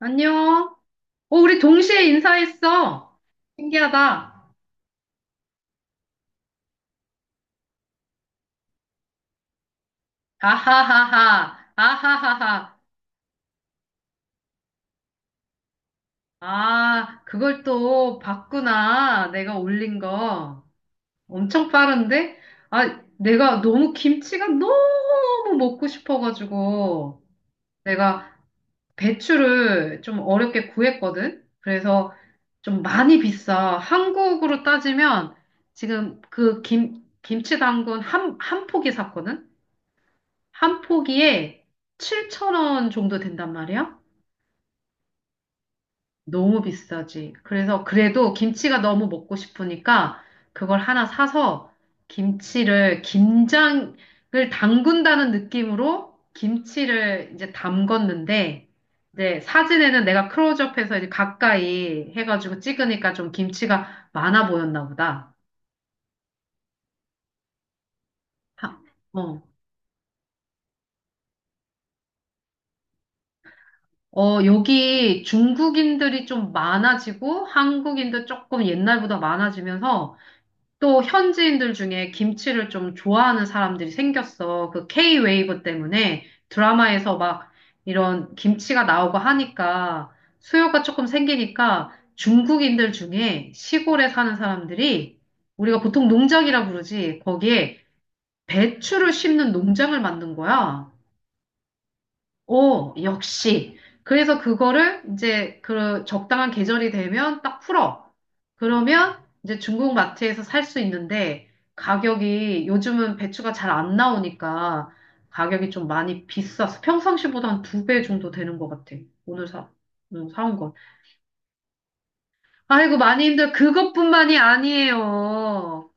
안녕. 어, 우리 동시에 인사했어. 신기하다. 아하하하. 아하하하. 아, 그걸 또 봤구나. 내가 올린 거. 엄청 빠른데? 아, 내가 너무 김치가 너무 먹고 싶어가지고. 내가 배추를 좀 어렵게 구했거든. 그래서 좀 많이 비싸. 한국으로 따지면 지금 그 김치 담근 한, 한 포기 샀거든. 한 포기에 7,000원 정도 된단 말이야? 너무 비싸지. 그래서 그래도 김치가 너무 먹고 싶으니까 그걸 하나 사서 김장을 담근다는 느낌으로 김치를 이제 담궜는데, 이제 사진에는 내가 클로즈업해서 이제 가까이 해가지고 찍으니까 좀 김치가 많아 보였나 보다. 하- 어. 어, 여기 중국인들이 좀 많아지고 한국인도 조금 옛날보다 많아지면서 또 현지인들 중에 김치를 좀 좋아하는 사람들이 생겼어. 그 K-웨이브 때문에 드라마에서 막 이런 김치가 나오고 하니까 수요가 조금 생기니까 중국인들 중에 시골에 사는 사람들이 우리가 보통 농장이라 부르지. 거기에 배추를 심는 농장을 만든 거야. 오, 역시. 그래서 그거를 이제 그 적당한 계절이 되면 딱 풀어. 그러면 이제 중국 마트에서 살 수 있는데 가격이 요즘은 배추가 잘 안 나오니까 가격이 좀 많이 비싸서 평상시보다 한 두 배 정도 되는 것 같아. 오늘 사, 응, 사온 건. 아이고, 많이 힘들어. 그것뿐만이 아니에요.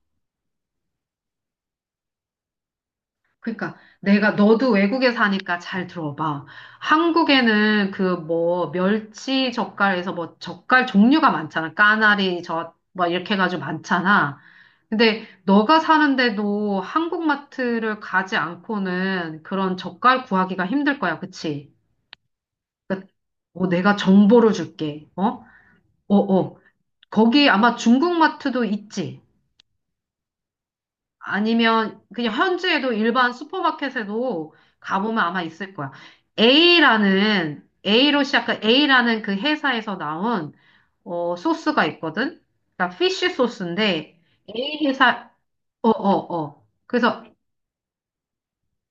그러니까 내가, 너도 외국에 사니까 잘 들어봐. 한국에는 그 뭐 멸치 젓갈에서 뭐 젓갈 종류가 많잖아. 까나리 젓 뭐 이렇게 해가지고 많잖아. 근데 너가 사는데도 한국 마트를 가지 않고는 그런 젓갈 구하기가 힘들 거야. 그치? 그러니까 어, 내가 정보를 줄게. 어? 어, 어. 거기 아마 중국 마트도 있지? 아니면 그냥 현지에도 일반 슈퍼마켓에도 가보면 아마 있을 거야. A라는 A로 시작한 A라는 그 회사에서 나온 어, 소스가 있거든. 그러니까 피쉬 소스인데 A 회사, 어 어 어. 그래서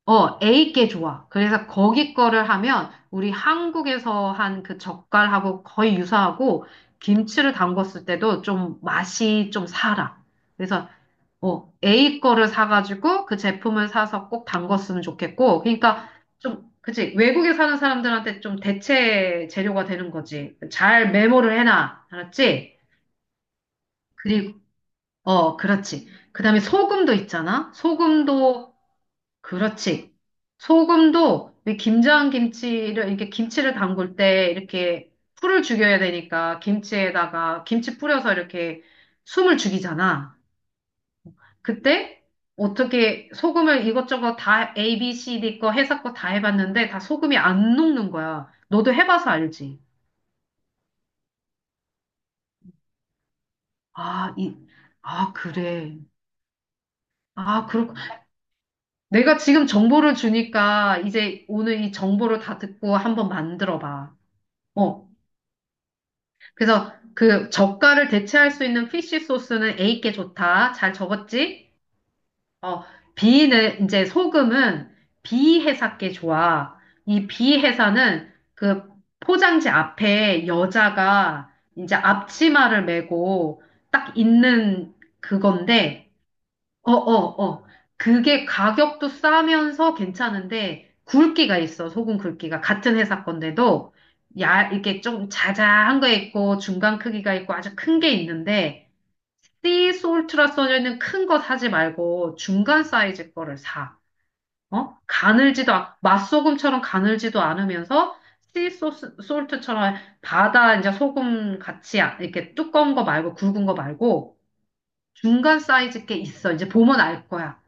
어, A께 좋아. 그래서 거기 거를 하면 우리 한국에서 한 그 젓갈하고 거의 유사하고 김치를 담궜을 때도 좀 맛이 좀 살아. 그래서 어, A 거를 사가지고 그 제품을 사서 꼭 담갔으면 좋겠고. 그러니까 좀, 그치, 외국에 사는 사람들한테 좀 대체 재료가 되는 거지. 잘 메모를 해놔. 알았지? 그리고 어, 그렇지. 그 다음에 소금도 있잖아? 소금도, 그렇지. 이 김장 김치를, 이렇게 김치를 담글 때 이렇게 풀을 죽여야 되니까 김치에다가 김치 뿌려서 이렇게 숨을 죽이잖아. 그때 어떻게 소금을 이것저것 다 A, B, C, D 거 회사 거 다 해봤는데 다 소금이 안 녹는 거야. 너도 해봐서 알지. 아, 이, 아, 그래. 아, 그렇고. 내가 지금 정보를 주니까 이제 오늘 이 정보를 다 듣고 한번 만들어 봐. 어. 그래서 그 젓갈을 대체할 수 있는 피쉬 소스는 A께 좋다. 잘 적었지? 어, B는 이제 소금은 B 회사께 좋아. 이 B 회사는 그 포장지 앞에 여자가 이제 앞치마를 메고 딱 있는 그건데, 어, 어, 어. 그게 가격도 싸면서 괜찮은데 굵기가 있어. 소금 굵기가 같은 회사 건데도, 야, 이게 좀 자자한 거 있고 중간 크기가 있고 아주 큰 게 있는데, 씨솔트라 써져 있는 큰 거 사지 말고 중간 사이즈 거를 사. 어? 맛소금처럼 가늘지도 않으면서 씨소솔트처럼 바다 이제 소금 같이 이렇게 두꺼운 거 말고 굵은 거 말고 중간 사이즈 게 있어. 이제 보면 알 거야.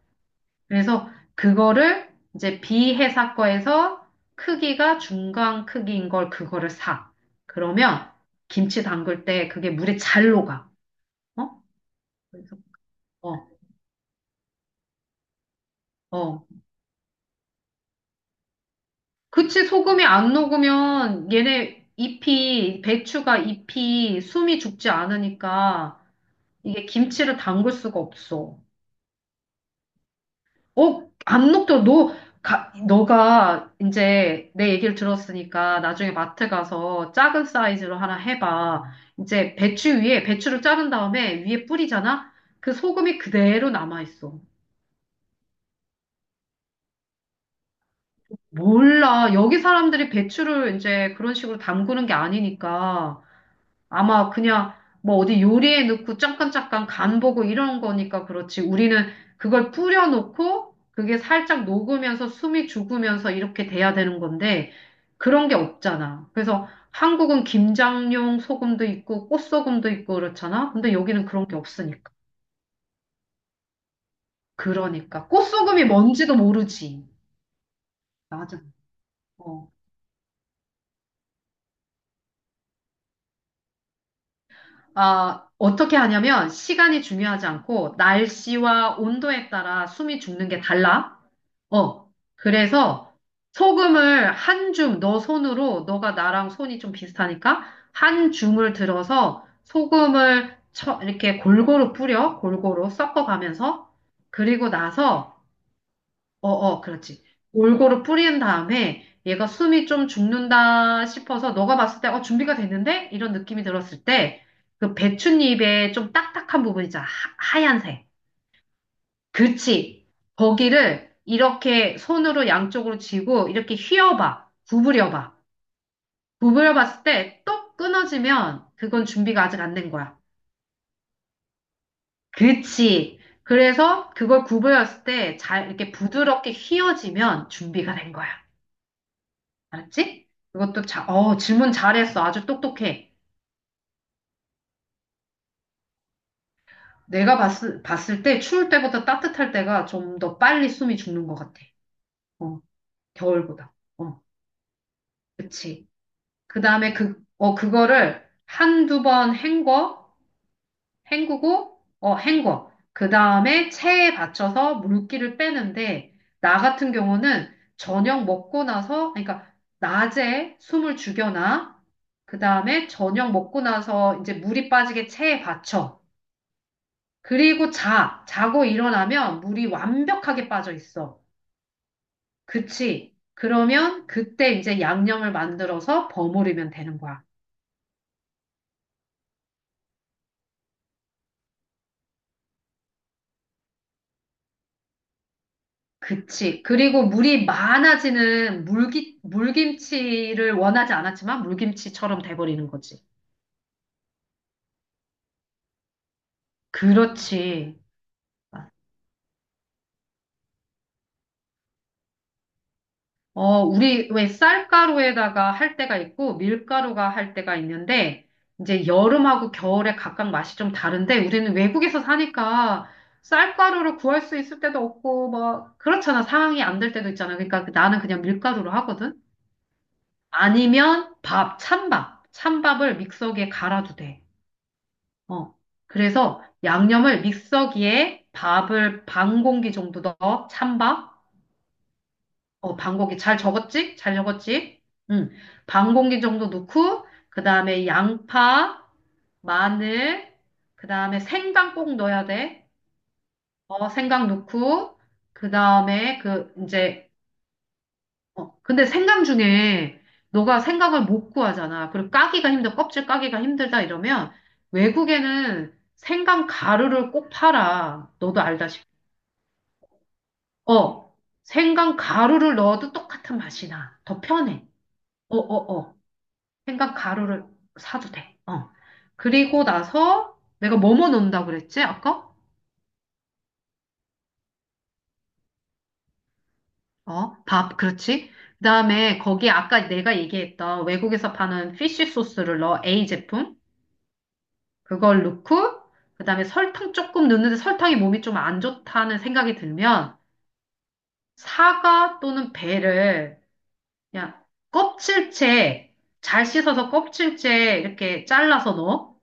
그래서 그거를 이제 비회사 거에서 크기가 중간 크기인 걸, 그거를 사. 그러면 김치 담글 때 그게 물에 잘 녹아. 어? 그래서 어, 어. 그치, 소금이 안 녹으면 얘네 잎이, 배추가 잎이 숨이 죽지 않으니까 이게 김치를 담글 수가 없어. 어, 안 녹더라. 너가 이제 내 얘기를 들었으니까 나중에 마트 가서 작은 사이즈로 하나 해봐. 배추를 자른 다음에 위에 뿌리잖아? 그 소금이 그대로 남아있어. 몰라. 여기 사람들이 배추를 이제 그런 식으로 담그는 게 아니니까. 아마 그냥 뭐 어디 요리에 넣고 잠깐잠깐 간 보고 이런 거니까 그렇지. 우리는 그걸 뿌려놓고 그게 살짝 녹으면서 숨이 죽으면서 이렇게 돼야 되는 건데 그런 게 없잖아. 그래서 한국은 김장용 소금도 있고 꽃소금도 있고 그렇잖아. 근데 여기는 그런 게 없으니까. 그러니까. 꽃소금이 뭔지도 모르지. 맞아. 어. 아, 어떻게 하냐면 시간이 중요하지 않고 날씨와 온도에 따라 숨이 죽는 게 달라. 어, 그래서 소금을 한 줌, 너 손으로, 너가 나랑 손이 좀 비슷하니까, 한 줌을 들어서 소금을 쳐, 이렇게 골고루 뿌려, 골고루 섞어가면서. 그리고 나서, 어, 어, 그렇지. 골고루 뿌린 다음에, 얘가 숨이 좀 죽는다 싶어서, 너가 봤을 때, 어, 준비가 됐는데? 이런 느낌이 들었을 때, 그 배춧잎에 좀 딱딱한 부분 있잖아. 하얀색. 그치. 거기를 이렇게 손으로 양쪽으로 쥐고 이렇게 휘어봐. 구부려봐. 구부려봤을 때 똑 끊어지면 그건 준비가 아직 안 된 거야. 그치. 그래서 그걸 구부렸을 때 잘 이렇게 부드럽게 휘어지면 준비가 된 거야. 알았지? 그것도 자, 어, 질문 잘했어. 아주 똑똑해. 내가 봤을 때 추울 때보다 따뜻할 때가 좀 더 빨리 숨이 죽는 것 같아. 어, 겨울보다. 어, 그치. 그 다음에 그, 어, 그거를 한두 번 헹궈, 헹구고, 어, 헹궈. 그 다음에 체에 받쳐서 물기를 빼는데, 나 같은 경우는 저녁 먹고 나서, 그러니까 낮에 숨을 죽여놔. 그 다음에 저녁 먹고 나서 이제 물이 빠지게 체에 받쳐. 그리고 자. 자고 일어나면 물이 완벽하게 빠져 있어. 그치? 그러면 그때 이제 양념을 만들어서 버무리면 되는 거야. 그치. 그리고 물이 많아지는 물기, 물김치를 원하지 않았지만 물김치처럼 돼버리는 거지. 그렇지. 어, 우리 왜 쌀가루에다가 할 때가 있고 밀가루가 할 때가 있는데 이제 여름하고 겨울에 각각 맛이 좀 다른데 우리는 외국에서 사니까 쌀가루를 구할 수 있을 때도 없고 막 그렇잖아. 상황이 안 될 때도 있잖아. 그러니까 그 나는 그냥 밀가루로 하거든. 아니면 밥, 찬밥. 찬밥을 믹서기에 갈아도 돼. 어. 그래서 양념을 믹서기에 밥을 반 공기 정도 넣어. 찬밥. 어, 반 공기. 잘 적었지? 잘 적었지? 응. 반 공기 정도 넣고, 그 다음에 양파, 마늘, 그 다음에 생강 꼭 넣어야 돼. 어, 생강 넣고, 그 다음에 그, 이제 어, 근데 생강 중에 너가 생강을 못 구하잖아. 그리고 까기가 힘들어. 껍질 까기가 힘들다 이러면 외국에는 생강 가루를 꼭 팔아. 너도 알다시피. 어, 생강 가루를 넣어도 똑같은 맛이 나. 더 편해. 어, 어, 어. 생강 가루를 사도 돼. 어. 그리고 나서 내가 뭐뭐 넣는다 그랬지? 아까? 어, 밥, 그렇지. 그다음에 거기 아까 내가 얘기했던 외국에서 파는 피쉬 소스를 넣어. A 제품. 그걸 넣고 그다음에 설탕 조금 넣는데 설탕이 몸이 좀 안 좋다는 생각이 들면 사과 또는 배를 그냥 껍질째, 잘 씻어서 껍질째 이렇게 잘라서 넣어.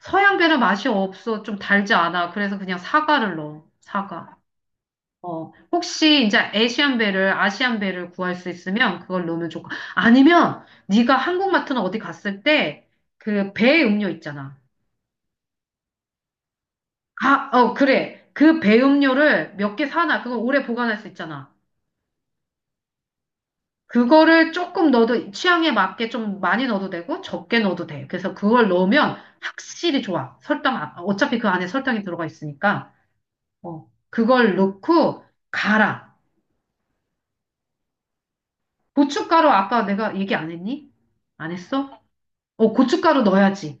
서양배는 맛이 없어. 좀 달지 않아. 그래서 그냥 사과를 넣어. 사과. 어, 혹시 이제 아시안배를 구할 수 있으면 그걸 넣으면 좋고 아니면 네가 한국 마트나 어디 갔을 때 그 배 음료 있잖아. 아, 어, 그래. 그 배음료를 몇 개 사놔. 그거 오래 보관할 수 있잖아. 그거를 조금 넣어도, 취향에 맞게 좀 많이 넣어도 되고 적게 넣어도 돼. 그래서 그걸 넣으면 확실히 좋아. 어차피 그 안에 설탕이 들어가 있으니까. 어, 그걸 넣고 갈아. 고춧가루 아까 내가 얘기 안 했니? 안 했어? 어, 고춧가루 넣어야지.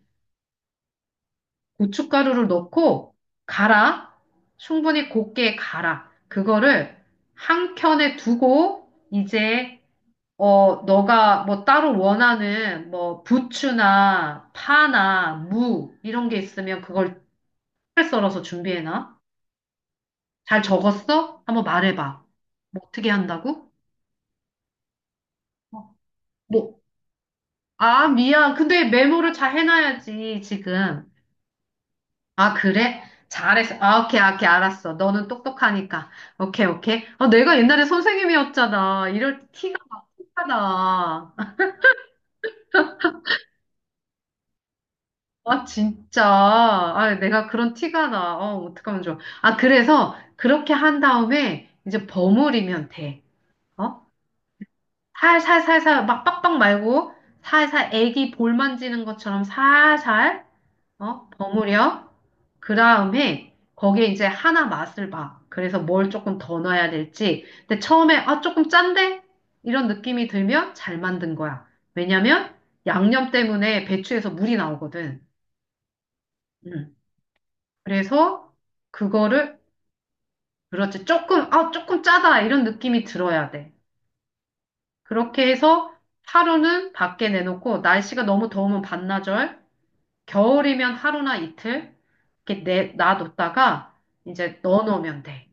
고춧가루를 넣고 갈아. 충분히 곱게 갈아. 그거를 한 켠에 두고 이제 어, 너가 뭐 따로 원하는 뭐 부추나 파나 무 이런 게 있으면 그걸 잘 썰어서 준비해놔. 잘 적었어? 한번 말해봐. 뭐 어떻게 한다고? 어, 뭐, 아, 미안. 근데 메모를 잘 해놔야지, 지금. 아, 그래? 잘했어. 아, 오케이, 오케이, 알았어. 너는 똑똑하니까. 오케이, 오케이. 아, 내가 옛날에 선생님이었잖아. 이럴 티가 막 티가 나. 아, 진짜. 아, 내가 그런 티가 나. 어, 어떡하면 좋아. 아, 그래서 그렇게 한 다음에 이제 버무리면 돼. 어? 살살살살, 막 빡빡 말고, 살살 애기 볼 만지는 것처럼 살살, 어? 버무려. 그 다음에 거기에 이제 하나 맛을 봐. 그래서 뭘 조금 더 넣어야 될지. 근데 처음에, 아, 조금 짠데? 이런 느낌이 들면 잘 만든 거야. 왜냐면 양념 때문에 배추에서 물이 나오거든. 음. 그래서 그거를 그렇지, 조금, 아, 조금 짜다 이런 느낌이 들어야 돼. 그렇게 해서 하루는 밖에 내놓고 날씨가 너무 더우면 반나절, 겨울이면 하루나 이틀 이렇게 내 놔뒀다가 이제 넣어놓으면 돼.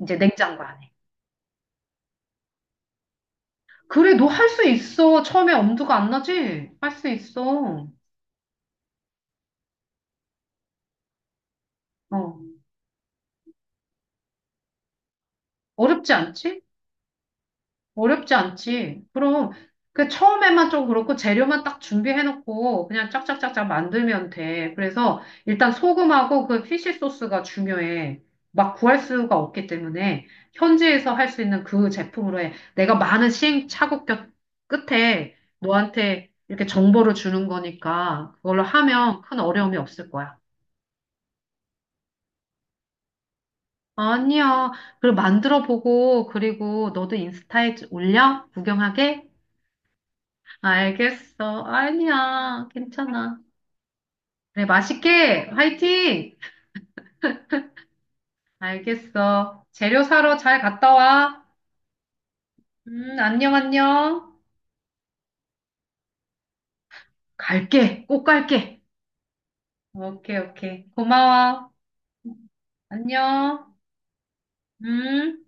이제 냉장고 안에. 그래 너 할 수 있어. 처음에 엄두가 안 나지? 할 수 있어. 어 어렵지 않지? 어렵지 않지. 그럼 그 처음에만 좀 그렇고 재료만 딱 준비해놓고 그냥 짝짝짝짝 만들면 돼. 그래서 일단 소금하고 그 피쉬 소스가 중요해. 막 구할 수가 없기 때문에 현지에서 할 수 있는 그 제품으로 해. 내가 많은 시행착오 끝에 너한테 이렇게 정보를 주는 거니까 그걸로 하면 큰 어려움이 없을 거야. 아니야. 그리고 만들어 보고, 그리고 너도 인스타에 올려? 구경하게? 알겠어. 아니야. 괜찮아. 그래, 맛있게. 화이팅! 알겠어. 재료 사러 잘 갔다 와. 안녕, 안녕. 갈게. 꼭 갈게. 오케이, 오케이. 고마워. 안녕. 음.